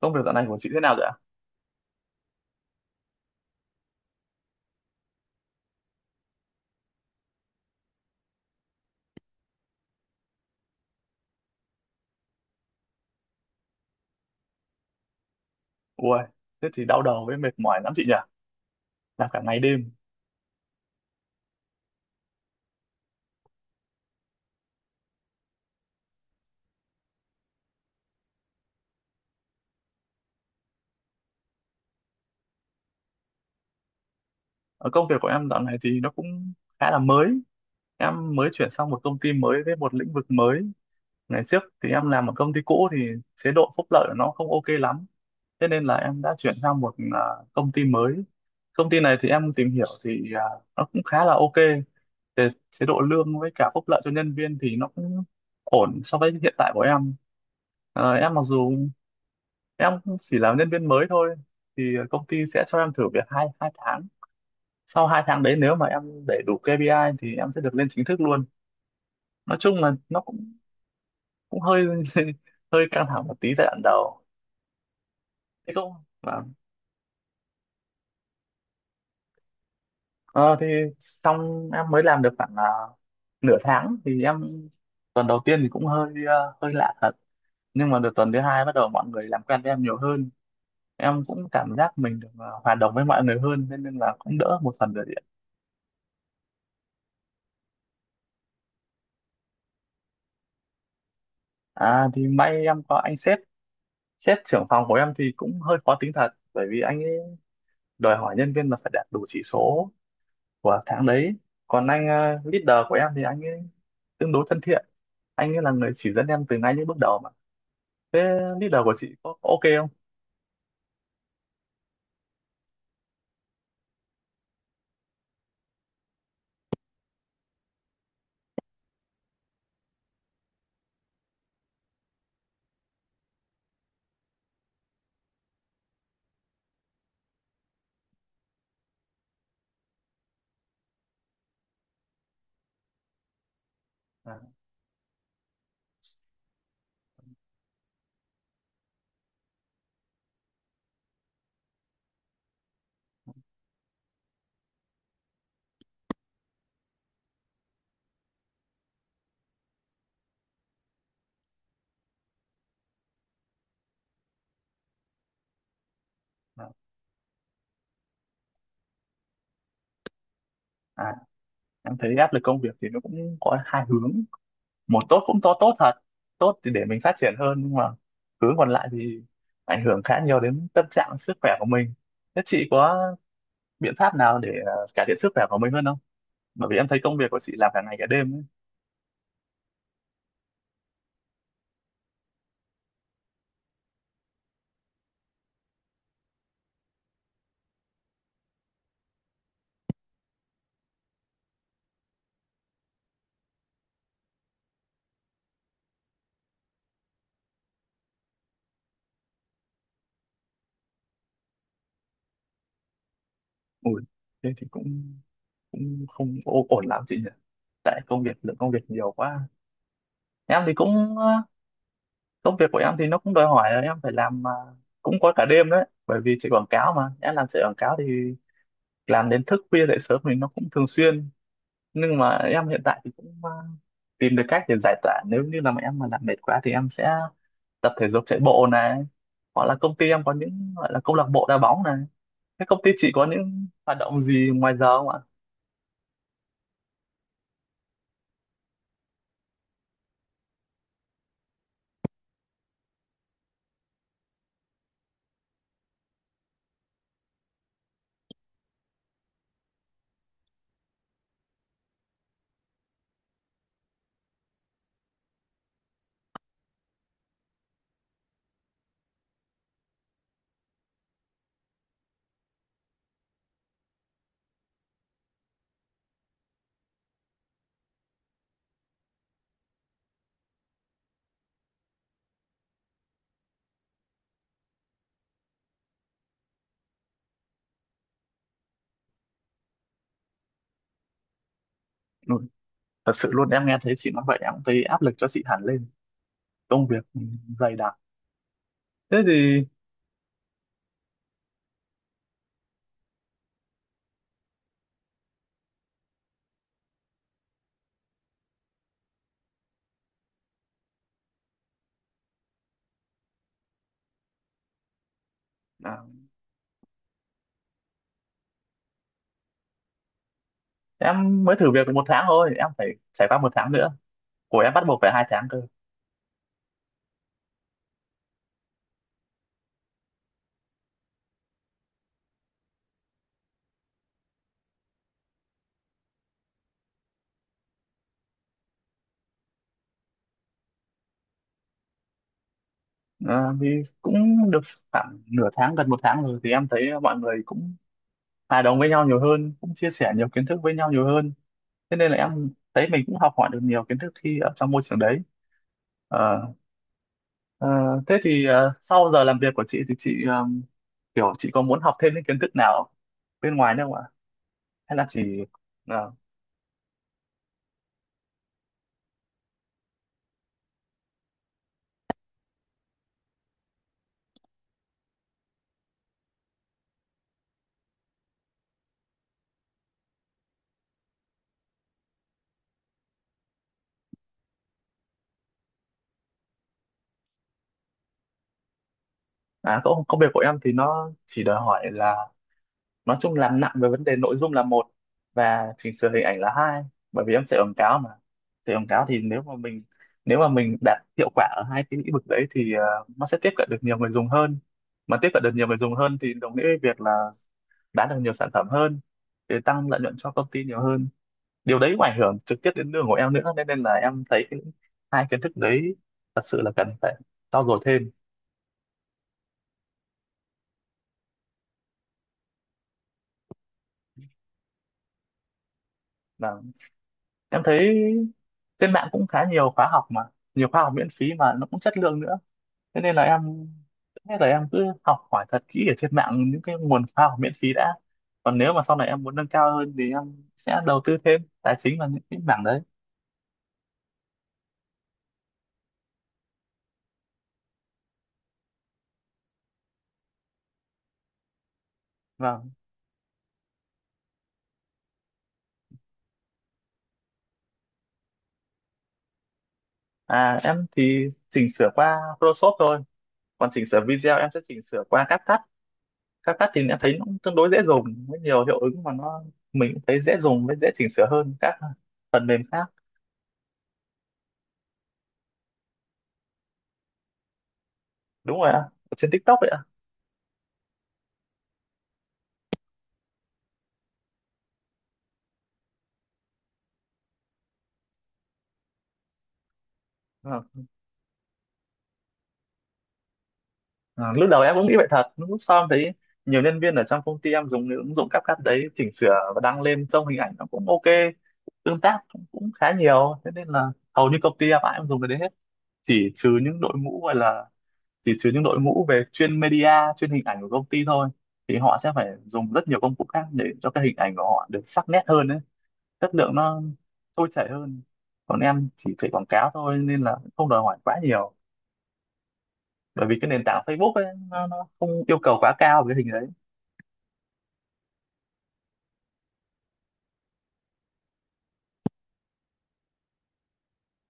Công việc dạo này của chị thế nào rồi ạ? Ui, thế thì đau đầu với mệt mỏi lắm chị nhỉ? Làm cả ngày đêm. Công việc của em dạo này thì nó cũng khá là mới. Em mới chuyển sang một công ty mới với một lĩnh vực mới. Ngày trước thì em làm ở công ty cũ thì chế độ phúc lợi của nó không ok lắm. Thế nên là em đã chuyển sang một công ty mới. Công ty này thì em tìm hiểu thì nó cũng khá là ok về chế độ lương với cả phúc lợi cho nhân viên, thì nó cũng ổn so với hiện tại của em. Em mặc dù em chỉ làm nhân viên mới thôi, thì công ty sẽ cho em thử việc hai hai tháng. Sau hai tháng đấy nếu mà em để đủ KPI thì em sẽ được lên chính thức luôn. Nói chung là nó cũng cũng hơi hơi căng thẳng một tí giai đoạn đầu, thế cũng vâng. Ờ, thì xong em mới làm được khoảng nửa tháng thì em, tuần đầu tiên thì cũng hơi hơi lạ thật, nhưng mà được tuần thứ hai bắt đầu mọi người làm quen với em nhiều hơn, em cũng cảm giác mình được hòa đồng với mọi người hơn nên, nên là cũng đỡ một phần rồi đấy ạ. À thì may em có anh sếp, sếp trưởng phòng của em thì cũng hơi khó tính thật, bởi vì anh ấy đòi hỏi nhân viên là phải đạt đủ chỉ số của tháng đấy. Còn anh leader của em thì anh ấy tương đối thân thiện, anh ấy là người chỉ dẫn em từ ngay những bước đầu mà. Thế leader của chị có ok không? à, à, à, em thấy áp lực công việc thì nó cũng có hai hướng. Một tốt cũng tốt thật, tốt thì để mình phát triển hơn, nhưng mà hướng còn lại thì ảnh hưởng khá nhiều đến tâm trạng sức khỏe của mình. Thế chị có biện pháp nào để cải thiện sức khỏe của mình hơn không? Bởi vì em thấy công việc của chị làm cả ngày cả đêm ấy. Ui, thế thì cũng cũng không ổn lắm chị nhỉ, tại công việc, lượng công việc nhiều quá. Em thì cũng công việc của em thì nó cũng đòi hỏi là em phải làm cũng có cả đêm đấy, bởi vì chạy quảng cáo mà, em làm chạy quảng cáo thì làm đến thức khuya dậy sớm thì nó cũng thường xuyên. Nhưng mà em hiện tại thì cũng tìm được cách để giải tỏa. Nếu như là mà em mà làm mệt quá thì em sẽ tập thể dục, chạy bộ này, hoặc là công ty em có những gọi là câu lạc bộ đá bóng này. Thế công ty chị có những hoạt động gì ngoài giờ không ạ? Ừ, thật sự luôn, em nghe thấy chị nói vậy em cũng thấy áp lực cho chị hẳn lên, công việc dày đặc. Thế thì à, em mới thử việc được một tháng thôi, em phải trải qua một tháng nữa, của em bắt buộc phải hai tháng cơ. À, thì cũng được khoảng nửa tháng gần một tháng rồi thì em thấy mọi người cũng hòa đồng với nhau nhiều hơn, cũng chia sẻ nhiều kiến thức với nhau nhiều hơn. Thế nên là em thấy mình cũng học hỏi được nhiều kiến thức khi ở trong môi trường đấy. Ờ, ờ, Thế thì sau giờ làm việc của chị thì chị kiểu chị có muốn học thêm những kiến thức nào bên ngoài nữa không ạ? Hay là chỉ ờ, à, công việc của em thì nó chỉ đòi hỏi là, nói chung làm nặng về vấn đề nội dung là một, và chỉnh sửa hình ảnh là hai, bởi vì em chạy quảng cáo mà. Chạy quảng cáo thì nếu mà mình, nếu mà mình đạt hiệu quả ở hai cái lĩnh vực đấy thì nó sẽ tiếp cận được nhiều người dùng hơn, mà tiếp cận được nhiều người dùng hơn thì đồng nghĩa với việc là bán được nhiều sản phẩm hơn, để tăng lợi nhuận cho công ty nhiều hơn. Điều đấy cũng ảnh hưởng trực tiếp đến đường của em nữa, nên, nên là em thấy cái hai kiến thức đấy thật sự là cần phải trau dồi thêm. Và em thấy trên mạng cũng khá nhiều khóa học mà, nhiều khóa học miễn phí mà nó cũng chất lượng nữa. Thế nên là thế là em cứ học hỏi thật kỹ ở trên mạng những cái nguồn khóa học miễn phí đã, còn nếu mà sau này em muốn nâng cao hơn thì em sẽ đầu tư thêm tài chính vào những cái mảng đấy. Vâng. À em thì chỉnh sửa qua Photoshop thôi, còn chỉnh sửa video em sẽ chỉnh sửa qua CapCut. CapCut thì đã thấy nó cũng tương đối dễ dùng với nhiều hiệu ứng mà nó, mình cũng thấy dễ dùng với dễ chỉnh sửa hơn các phần mềm khác. Đúng rồi ạ, ở trên TikTok vậy ạ. Ờ. Ờ, lúc đầu em cũng nghĩ vậy thật, nhưng lúc sau em thấy nhiều nhân viên ở trong công ty em dùng những ứng dụng CapCut đấy chỉnh sửa và đăng lên, trông hình ảnh nó cũng ok, tương tác cũng khá nhiều. Thế nên là hầu như công ty em ai cũng dùng cái đấy hết, chỉ trừ những đội ngũ gọi là, chỉ trừ những đội ngũ về chuyên media, chuyên hình ảnh của công ty thôi, thì họ sẽ phải dùng rất nhiều công cụ khác để cho cái hình ảnh của họ được sắc nét hơn đấy, chất lượng nó trôi chảy hơn. Còn em chỉ chạy quảng cáo thôi nên là không đòi hỏi quá nhiều, bởi vì cái nền tảng Facebook ấy nó không yêu cầu quá cao về cái hình đấy.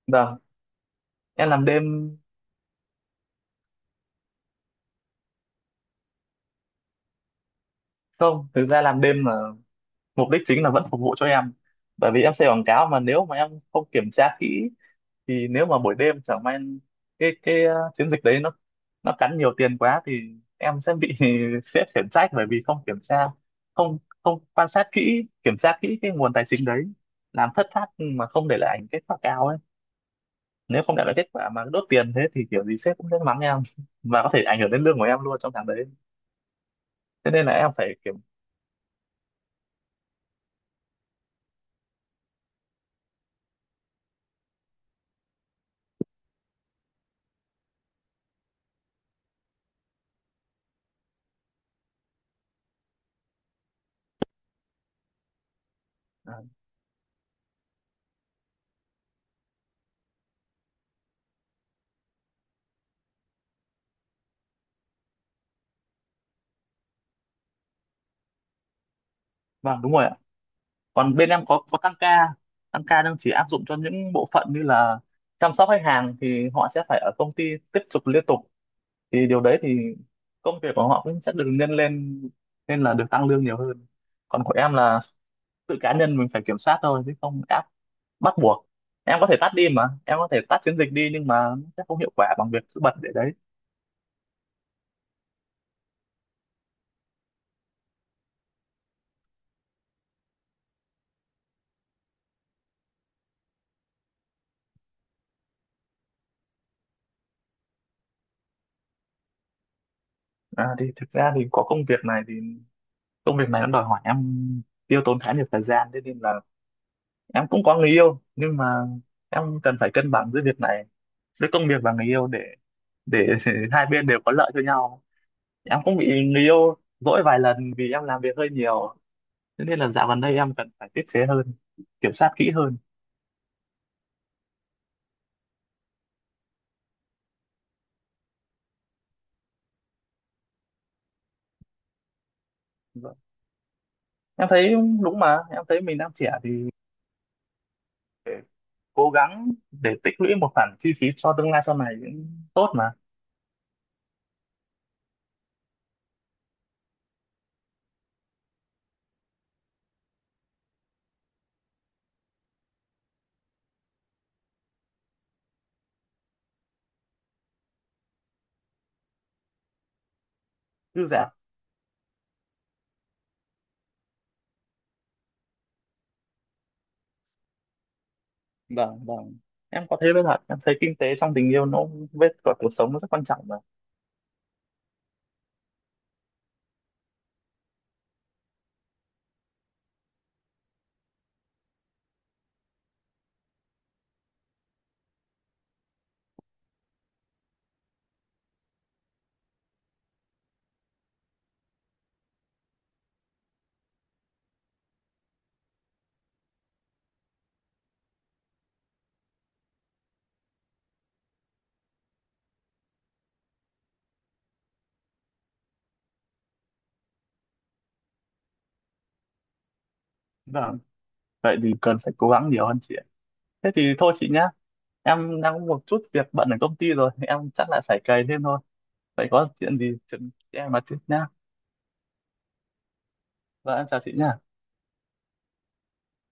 Vâng, em làm đêm. Không, thực ra làm đêm là mục đích chính là vẫn phục vụ cho em, bởi vì em xây quảng cáo mà, nếu mà em không kiểm tra kỹ thì nếu mà buổi đêm chẳng may cái chiến dịch đấy nó cắn nhiều tiền quá thì em sẽ bị sếp khiển trách, bởi vì không kiểm tra, không không quan sát kỹ, kiểm tra kỹ cái nguồn tài chính đấy, làm thất thoát mà không để lại kết quả cao ấy. Nếu không để lại kết quả mà đốt tiền thế thì kiểu gì sếp cũng sẽ mắng em và có thể ảnh hưởng đến lương của em luôn trong tháng đấy. Thế nên là em phải kiểm. À, vâng đúng rồi ạ, còn bên em có tăng ca, tăng ca đang chỉ áp dụng cho những bộ phận như là chăm sóc khách hàng thì họ sẽ phải ở công ty tiếp tục liên tục, thì điều đấy thì công việc của họ cũng sẽ được nhân lên nên là được tăng lương nhiều hơn. Còn của em là tự cá nhân mình phải kiểm soát thôi chứ không áp bắt buộc, em có thể tắt đi mà, em có thể tắt chiến dịch đi nhưng mà nó sẽ không hiệu quả bằng việc cứ bật để đấy. À, thì thực ra thì có công việc này thì, công việc này nó đòi hỏi em tiêu tốn khá nhiều thời gian, thế nên là em cũng có người yêu nhưng mà em cần phải cân bằng giữa việc này, giữa công việc và người yêu để hai bên đều có lợi cho nhau. Em cũng bị người yêu dỗi vài lần vì em làm việc hơi nhiều, thế nên là dạo gần đây em cần phải tiết chế hơn, kiểm soát kỹ hơn. Vâng. Em thấy đúng mà, em thấy mình đang trẻ thì phải cố gắng để tích lũy một khoản chi phí cho tương lai sau này cũng tốt mà dư dả. Vâng vâng, em có thấy, với thật em thấy kinh tế trong tình yêu nó với cả cuộc sống nó rất quan trọng mà. Vâng, vậy thì cần phải cố gắng nhiều hơn chị ạ. Thế thì thôi chị nhá, em đang có một chút việc bận ở công ty rồi, em chắc là phải cày thêm thôi. Vậy có chuyện gì chuyện em nói tiếp nhá. Vâng em chào chị nhá.